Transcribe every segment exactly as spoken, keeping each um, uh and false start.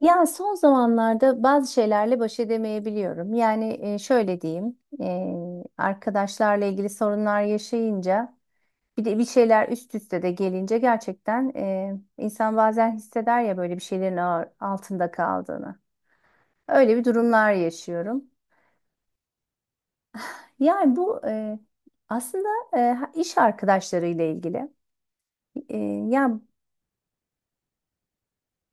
Ya son zamanlarda bazı şeylerle baş edemeyebiliyorum. Yani e, şöyle diyeyim, e, arkadaşlarla ilgili sorunlar yaşayınca, bir de bir şeyler üst üste de gelince gerçekten e, insan bazen hisseder ya böyle bir şeylerin ağır- altında kaldığını. Öyle bir durumlar yaşıyorum. Yani bu e, aslında e, ha- iş arkadaşlarıyla ilgili. E, ya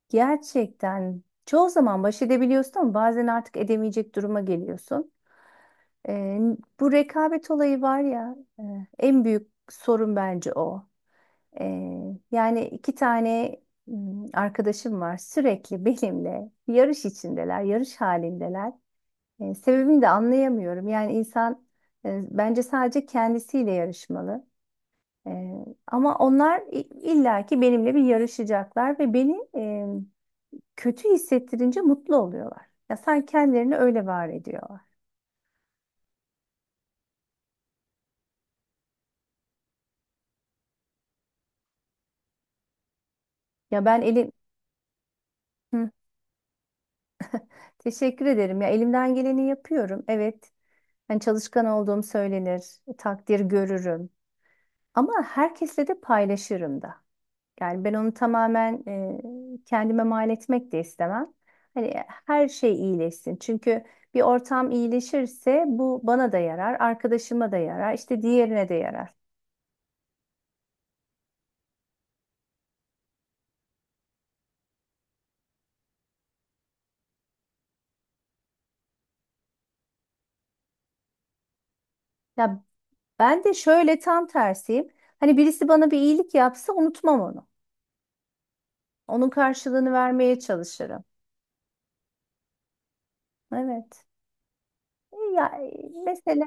gerçekten çoğu zaman baş edebiliyorsun ama bazen artık edemeyecek duruma geliyorsun. Ee, bu rekabet olayı var ya, e, en büyük sorun bence o. Ee, yani iki tane m, arkadaşım var, sürekli benimle yarış içindeler, yarış halindeler. Ee, sebebini de anlayamıyorum. Yani insan, e, bence sadece kendisiyle yarışmalı. Ee, ama onlar i- illaki benimle bir yarışacaklar ve beni, e, kötü hissettirince mutlu oluyorlar. Ya sanki kendilerini öyle var ediyorlar. Ya ben elim... Teşekkür ederim. Ya elimden geleni yapıyorum. Evet. Hani çalışkan olduğum söylenir, takdir görürüm. Ama herkesle de paylaşırım da. Yani ben onu tamamen, e, kendime mal etmek de istemem. Hani her şey iyileşsin. Çünkü bir ortam iyileşirse bu bana da yarar, arkadaşıma da yarar, işte diğerine de yarar. Ya ben de şöyle tam tersiyim. Hani birisi bana bir iyilik yapsa unutmam onu. Onun karşılığını vermeye çalışırım. Evet. Ya, e, mesela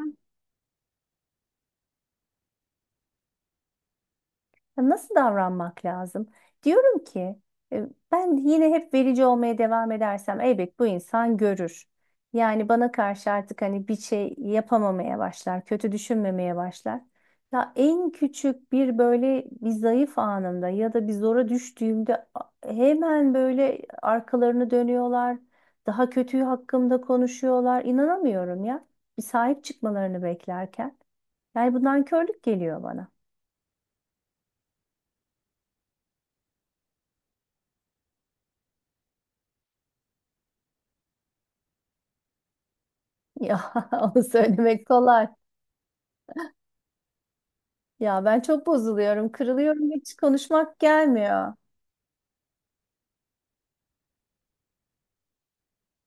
ya, nasıl davranmak lazım? Diyorum ki, e, ben yine hep verici olmaya devam edersem elbet bu insan görür. Yani bana karşı artık hani bir şey yapamamaya başlar, kötü düşünmemeye başlar. Ya en küçük bir böyle bir zayıf anımda ya da bir zora düştüğümde a- hemen böyle arkalarını dönüyorlar. Daha kötüyü hakkımda konuşuyorlar. İnanamıyorum ya. Bir sahip çıkmalarını beklerken. Yani bundan körlük geliyor bana. Ya onu söylemek kolay. Ya ben çok bozuluyorum, kırılıyorum, hiç konuşmak gelmiyor.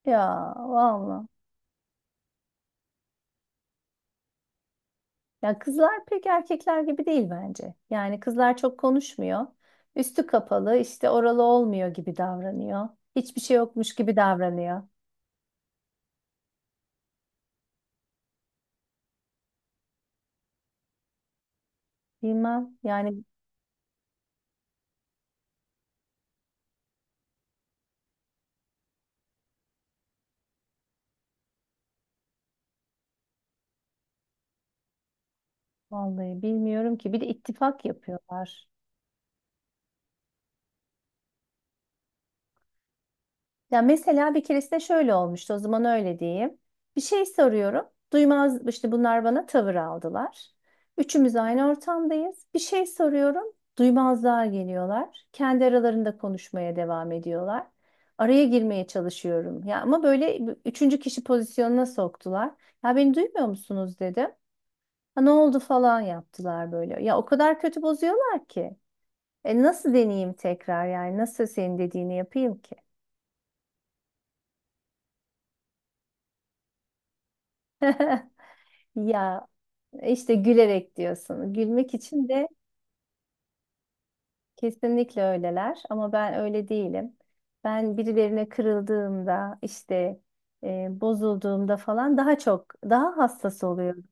Ya valla. Ya kızlar pek erkekler gibi değil bence. Yani kızlar çok konuşmuyor. Üstü kapalı, işte oralı olmuyor gibi davranıyor. Hiçbir şey yokmuş gibi davranıyor. Bilmem yani, vallahi bilmiyorum ki. Bir de ittifak yapıyorlar. Ya mesela bir keresinde şöyle olmuştu, o zaman öyle diyeyim. Bir şey soruyorum. Duymaz işte, bunlar bana tavır aldılar. Üçümüz aynı ortamdayız. Bir şey soruyorum. Duymazlığa geliyorlar. Kendi aralarında konuşmaya devam ediyorlar. Araya girmeye çalışıyorum. Ya ama böyle üçüncü kişi pozisyonuna soktular. Ya beni duymuyor musunuz dedim. Ha ne oldu falan yaptılar böyle. Ya o kadar kötü bozuyorlar ki. E nasıl deneyeyim tekrar, yani nasıl senin dediğini yapayım ki? Ya, İşte gülerek diyorsun. Gülmek için de kesinlikle öyleler, ama ben öyle değilim. Ben birilerine kırıldığımda işte, e, bozulduğumda falan daha çok, daha hassas oluyorum.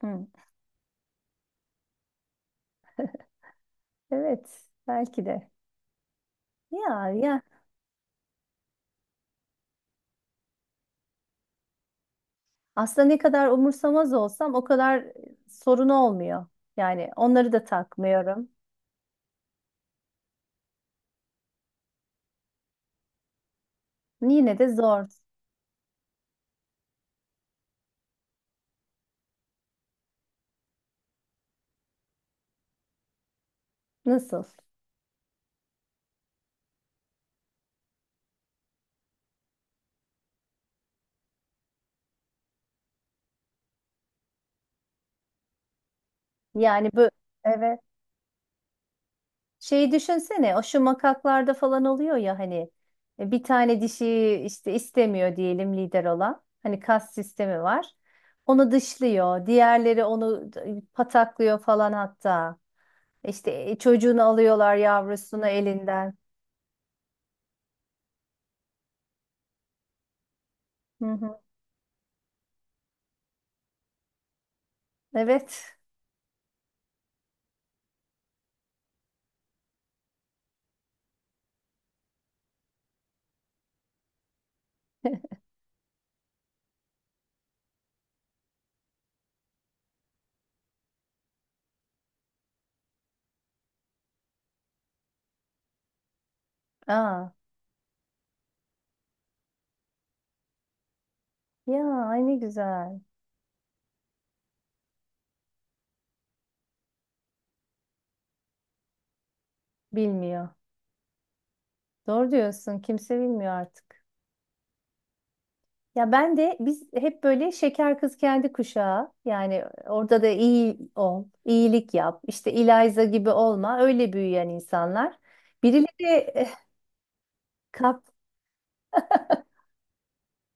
Hı. Evet, belki de. Ya ya aslında ne kadar umursamaz olsam o kadar sorun olmuyor. Yani onları da takmıyorum. Yine de zor. Nasıl? Yani bu evet. Şeyi düşünsene, o şu makaklarda falan oluyor ya hani, e, bir tane dişi işte istemiyor diyelim lider olan. Hani kas sistemi var. Onu dışlıyor. Diğerleri onu d- pataklıyor falan hatta. İşte, e, çocuğunu alıyorlar, yavrusunu elinden. Hı hı. Evet. Aa, ya ay ne güzel. Bilmiyor. Doğru diyorsun. Kimse bilmiyor artık. Ya ben de biz hep böyle şeker kız kendi kuşağı, yani orada da iyi ol, iyilik yap, işte Eliza gibi olma, öyle büyüyen insanlar. Birileri eh, kap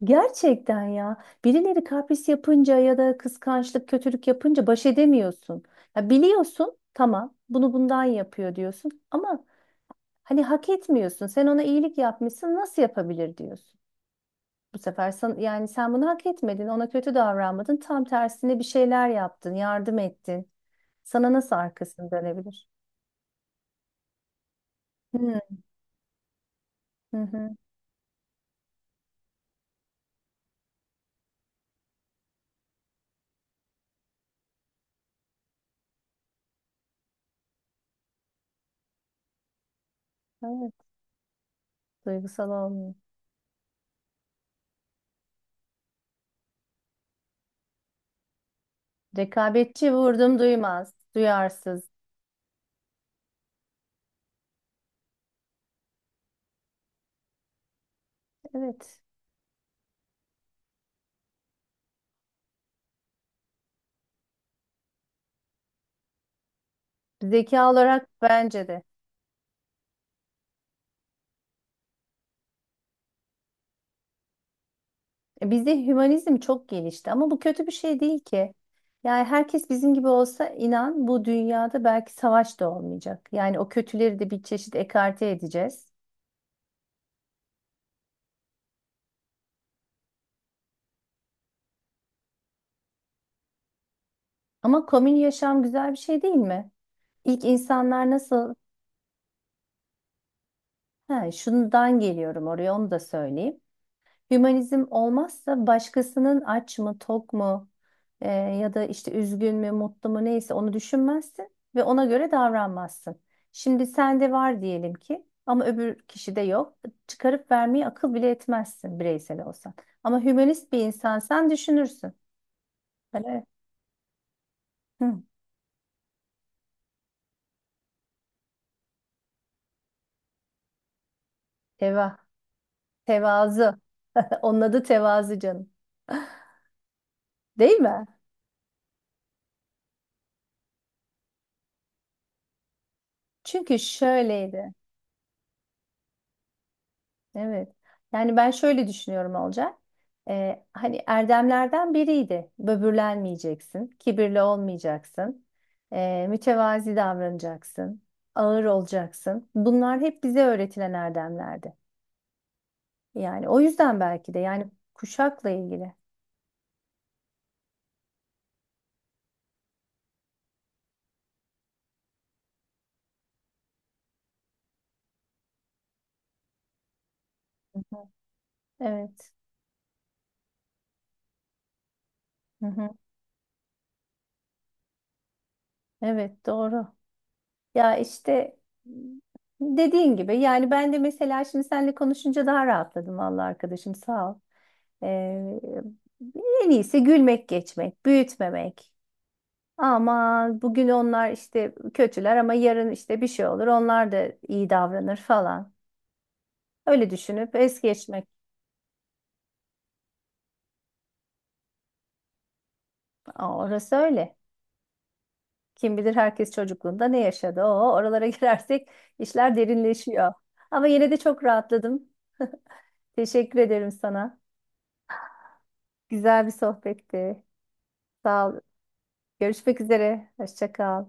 gerçekten ya, birileri kapris yapınca ya da kıskançlık, kötülük yapınca baş edemiyorsun. Ya biliyorsun tamam, bunu bundan yapıyor diyorsun ama hani hak etmiyorsun, sen ona iyilik yapmışsın, nasıl yapabilir diyorsun. Bu sefer sen, yani sen bunu hak etmedin, ona kötü davranmadın. Tam tersine bir şeyler yaptın, yardım ettin. Sana nasıl arkasını dönebilir? Hı. Hı hı. Evet, duygusal olmuyor. Rekabetçi, vurdum duymaz, duyarsız. Evet. Zeka olarak bence de. E, bizde hümanizm çok gelişti ama bu kötü bir şey değil ki. Yani herkes bizim gibi olsa inan bu dünyada belki savaş da olmayacak. Yani o kötüleri de bir çeşit ekarte edeceğiz. Ama komün yaşam güzel bir şey değil mi? İlk insanlar nasıl? Ha, şundan geliyorum oraya, onu da söyleyeyim. Hümanizm olmazsa başkasının aç mı, tok mu, e, ya da işte üzgün mü, mutlu mu, neyse onu düşünmezsin ve ona göre davranmazsın. Şimdi sende var diyelim ki ama öbür kişide yok. Çıkarıp vermeyi akıl bile etmezsin bireysel olsan. Ama hümanist bir insan düşünürsün. Böyle, hı, teva, tevazu. Onun adı tevazu canım. Değil mi? Çünkü şöyleydi. Evet. Yani ben şöyle düşünüyorum Olcay. Ee, hani erdemlerden biriydi. Böbürlenmeyeceksin, kibirli olmayacaksın, ee, mütevazi davranacaksın, ağır olacaksın. Bunlar hep bize öğretilen erdemlerdi. Yani o yüzden belki de, yani kuşakla ilgili. Hı hı. Evet. Hı hı. Evet, doğru. Ya işte dediğin gibi, yani ben de mesela şimdi seninle konuşunca daha rahatladım vallahi, arkadaşım sağ ol. Ee, en iyisi gülmek, geçmek, büyütmemek. Ama bugün onlar işte kötüler, ama yarın işte bir şey olur, onlar da iyi davranır falan. Öyle düşünüp es geçmek. Aa, orası öyle. Kim bilir herkes çocukluğunda ne yaşadı. Oo, oralara girersek işler derinleşiyor. Ama yine de çok rahatladım. Teşekkür ederim sana. Güzel bir sohbetti. Sağ ol. Görüşmek üzere. Hoşça kal.